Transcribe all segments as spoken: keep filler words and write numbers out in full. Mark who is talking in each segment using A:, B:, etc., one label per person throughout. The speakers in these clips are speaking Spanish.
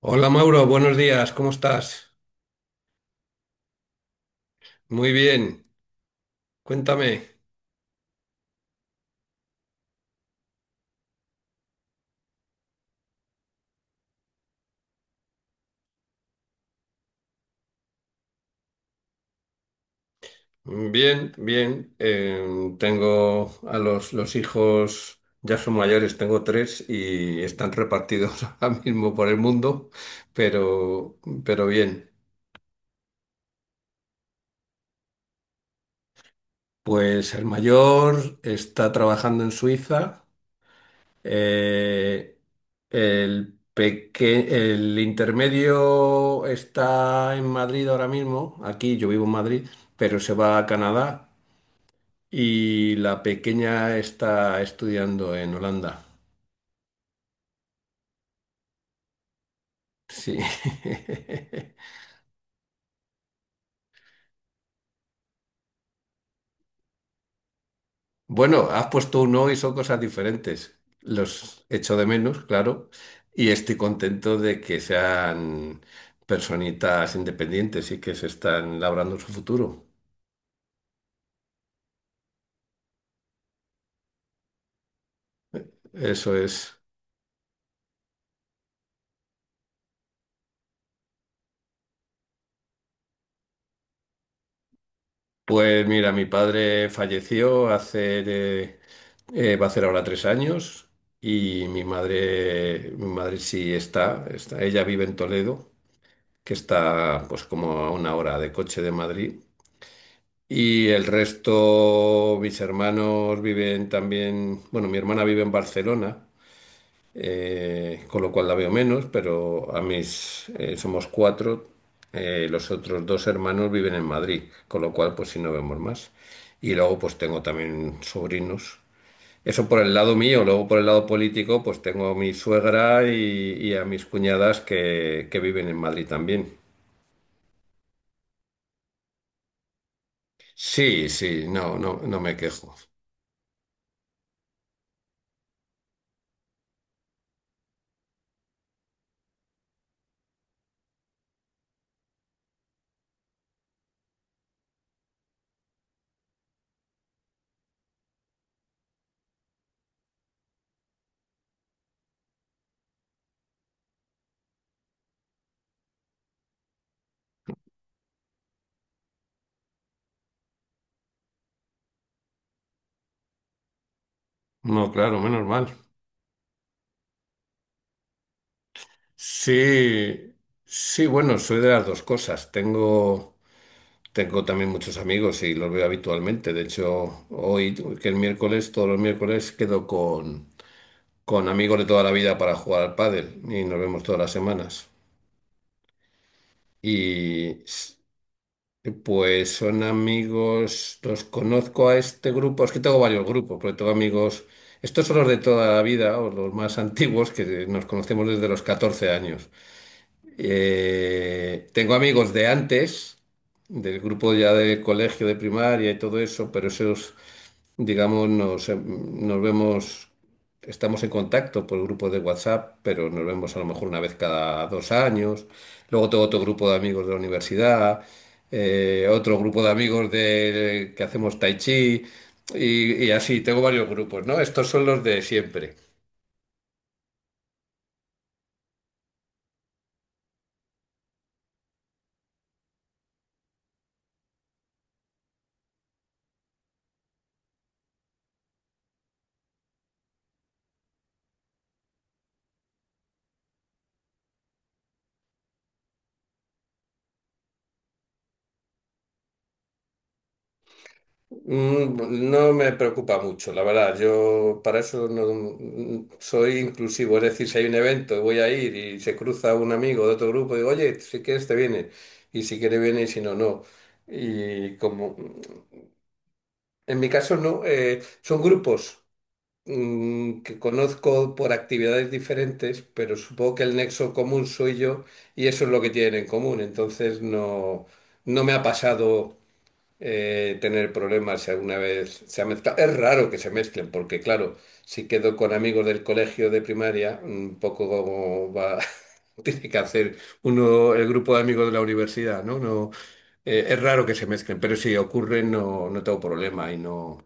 A: Hola Mauro, buenos días, ¿cómo estás? Muy bien, cuéntame. Bien, bien. eh, tengo a los, los hijos, ya son mayores, tengo tres y están repartidos ahora mismo por el mundo, pero, pero bien. Pues el mayor está trabajando en Suiza. Eh, el, peque- el intermedio está en Madrid ahora mismo, aquí yo vivo en Madrid, pero se va a Canadá. Y la pequeña está estudiando en Holanda. Sí. Bueno, has puesto un no y son cosas diferentes. Los echo de menos, claro, y estoy contento de que sean personitas independientes y que se están labrando su futuro. Eso es. Pues mira, mi padre falleció, hace, eh, eh, va a hacer ahora tres años. Y mi madre, mi madre sí está, está, ella vive en Toledo, que está pues como a una hora de coche de Madrid. Y el resto, mis hermanos viven también. Bueno, mi hermana vive en Barcelona, eh, con lo cual la veo menos, pero a mis, eh, somos cuatro, eh, los otros dos hermanos viven en Madrid, con lo cual pues sí no vemos más. Y luego pues tengo también sobrinos. Eso por el lado mío, luego por el lado político pues tengo a mi suegra y, y a mis cuñadas que, que viven en Madrid también. Sí, sí, no, no, no me quejo. No, claro, menos mal. Sí, sí, bueno, soy de las dos cosas. Tengo, tengo también muchos amigos y los veo habitualmente. De hecho, hoy, que es miércoles, todos los miércoles, quedo con, con amigos de toda la vida para jugar al pádel y nos vemos todas las semanas. Y Pues son amigos, los conozco a este grupo, es que tengo varios grupos, porque tengo amigos, estos son los de toda la vida, o los más antiguos, que nos conocemos desde los catorce años. Eh, tengo amigos de antes, del grupo ya de colegio, de primaria y todo eso, pero esos, digamos, nos, em, nos vemos, estamos en contacto por grupos de WhatsApp, pero nos vemos a lo mejor una vez cada dos años. Luego tengo otro grupo de amigos de la universidad, eh, otro grupo de amigos de, que hacemos tai chi y, y así, tengo varios grupos, ¿no? Estos son los de siempre. Mm, No me preocupa mucho, la verdad. Yo para eso no, mm, soy inclusivo. Es decir, si hay un evento y voy a ir y se cruza un amigo de otro grupo, digo, oye, si quieres te viene. Y si quiere viene y si no, no. Y como en mi caso no, eh, son grupos mm, que conozco por actividades diferentes, pero supongo que el nexo común soy yo y eso es lo que tienen en común. Entonces no, no me ha pasado eh, tener problemas si alguna vez se ha mezclado. Es raro que se mezclen, porque claro, si quedo con amigos del colegio de primaria, un poco como va, tiene que hacer uno el grupo de amigos de la universidad, ¿no? No, eh, es raro que se mezclen, pero si ocurre no, no tengo problema y no.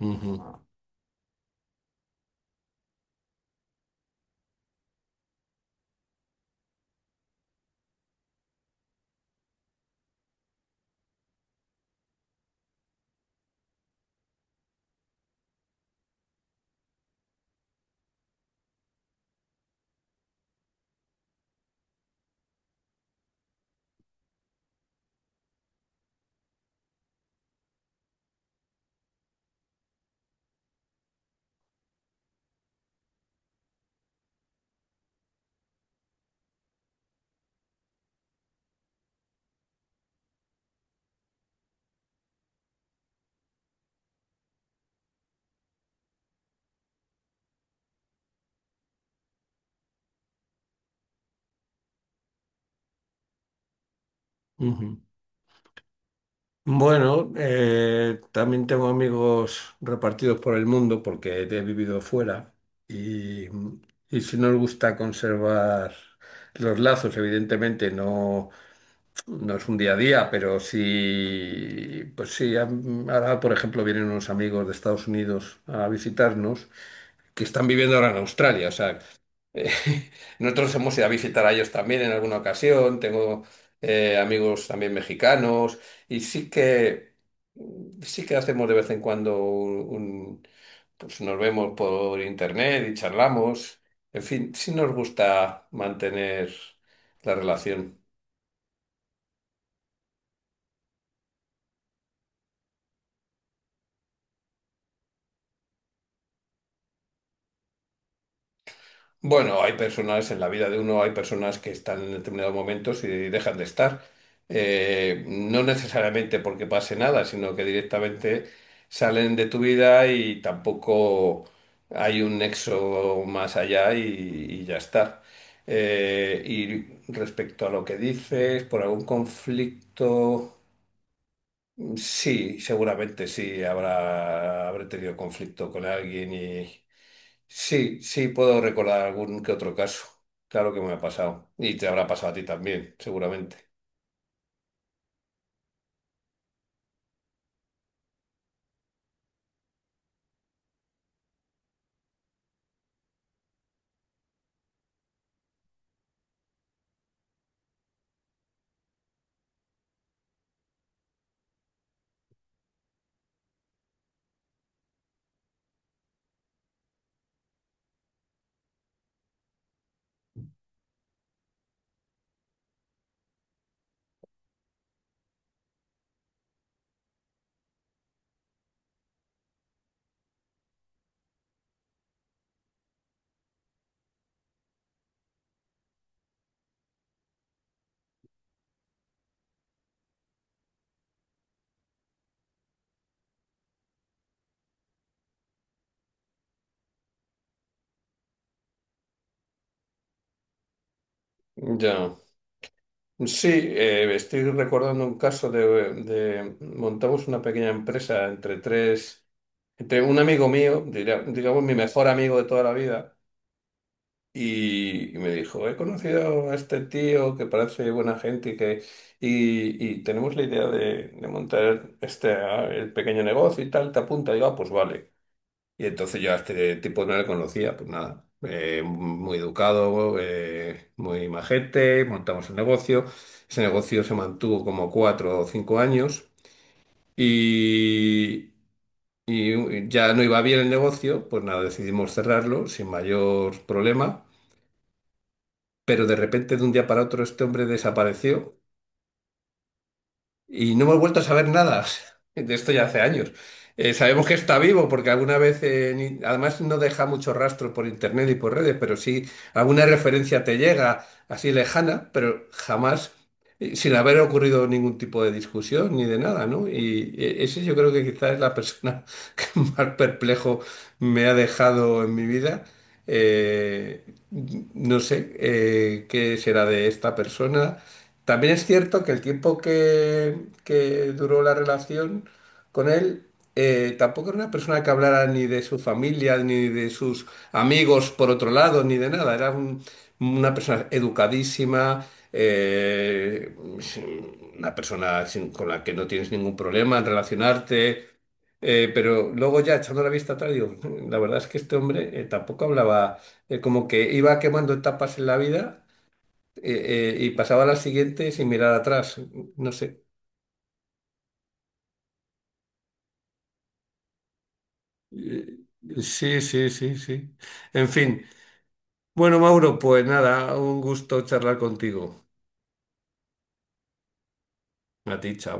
A: Ujú, ujú. Bueno, eh, también tengo amigos repartidos por el mundo porque he vivido fuera, y, y si nos gusta conservar los lazos, evidentemente no, no es un día a día, pero sí, pues sí, am- ahora por ejemplo vienen unos amigos de Estados Unidos a visitarnos, que están viviendo ahora en Australia, o sea. Nosotros hemos ido a visitar a ellos también en alguna ocasión. Tengo eh, amigos también mexicanos y sí que, sí que hacemos de vez en cuando un, un- pues nos vemos por internet y charlamos. En fin, sí nos gusta mantener la relación. Bueno, hay personas en la vida de uno, hay personas que están en determinados momentos y dejan de estar. Eh, no necesariamente porque pase nada, sino que directamente salen de tu vida y tampoco hay un nexo más allá, y, y ya está. Eh, y respecto a lo que dices, por algún conflicto, sí, seguramente sí, habrá, habré tenido conflicto con alguien. Sí, sí, puedo recordar algún que otro caso. Claro que me ha pasado. Y te habrá pasado a ti también, seguramente. Ya. Sí, eh, estoy recordando un caso de, de- montamos una pequeña empresa entre tres, entre un amigo mío, diría- digamos mi mejor amigo de toda la vida, y, y me dijo, he conocido a este tío que parece buena gente y que y, y tenemos la idea de, de montar este ah, el pequeño negocio y tal, te apunta, y digo, "Ah, pues vale". Y entonces yo a este tipo no le conocía, pues nada, eh, muy educado, eh, muy majete, montamos un negocio. Ese negocio se mantuvo como cuatro o cinco años, y, y ya no iba bien el negocio, pues nada, decidimos cerrarlo sin mayor problema, pero de repente de un día para otro este hombre desapareció. Y no hemos vuelto a saber nada de esto ya hace años. Eh, sabemos que está vivo porque alguna vez, eh, ni- además no deja mucho rastro por internet y por redes, pero sí alguna referencia te llega así lejana, pero jamás, eh, sin haber ocurrido ningún tipo de discusión ni de nada, ¿no? Y eh, ese yo creo que quizás es la persona que más perplejo me ha dejado en mi vida. Eh, no sé eh, qué será de esta persona. También es cierto que el tiempo que, que duró la relación con él, eh, tampoco era una persona que hablara ni de su familia, ni de sus amigos por otro lado, ni de nada. Era un- una persona educadísima, eh, una persona sin- con la que no tienes ningún problema en relacionarte. eh, pero luego ya echando la vista atrás, digo, "Mm, la verdad es que este hombre eh, tampoco hablaba, eh, como que iba quemando etapas en la vida, eh, eh, y pasaba a la siguiente sin mirar atrás. No sé". Eh, Sí, sí, sí, sí. En fin. Bueno, Mauro, pues nada, un gusto charlar contigo. A ti, chao.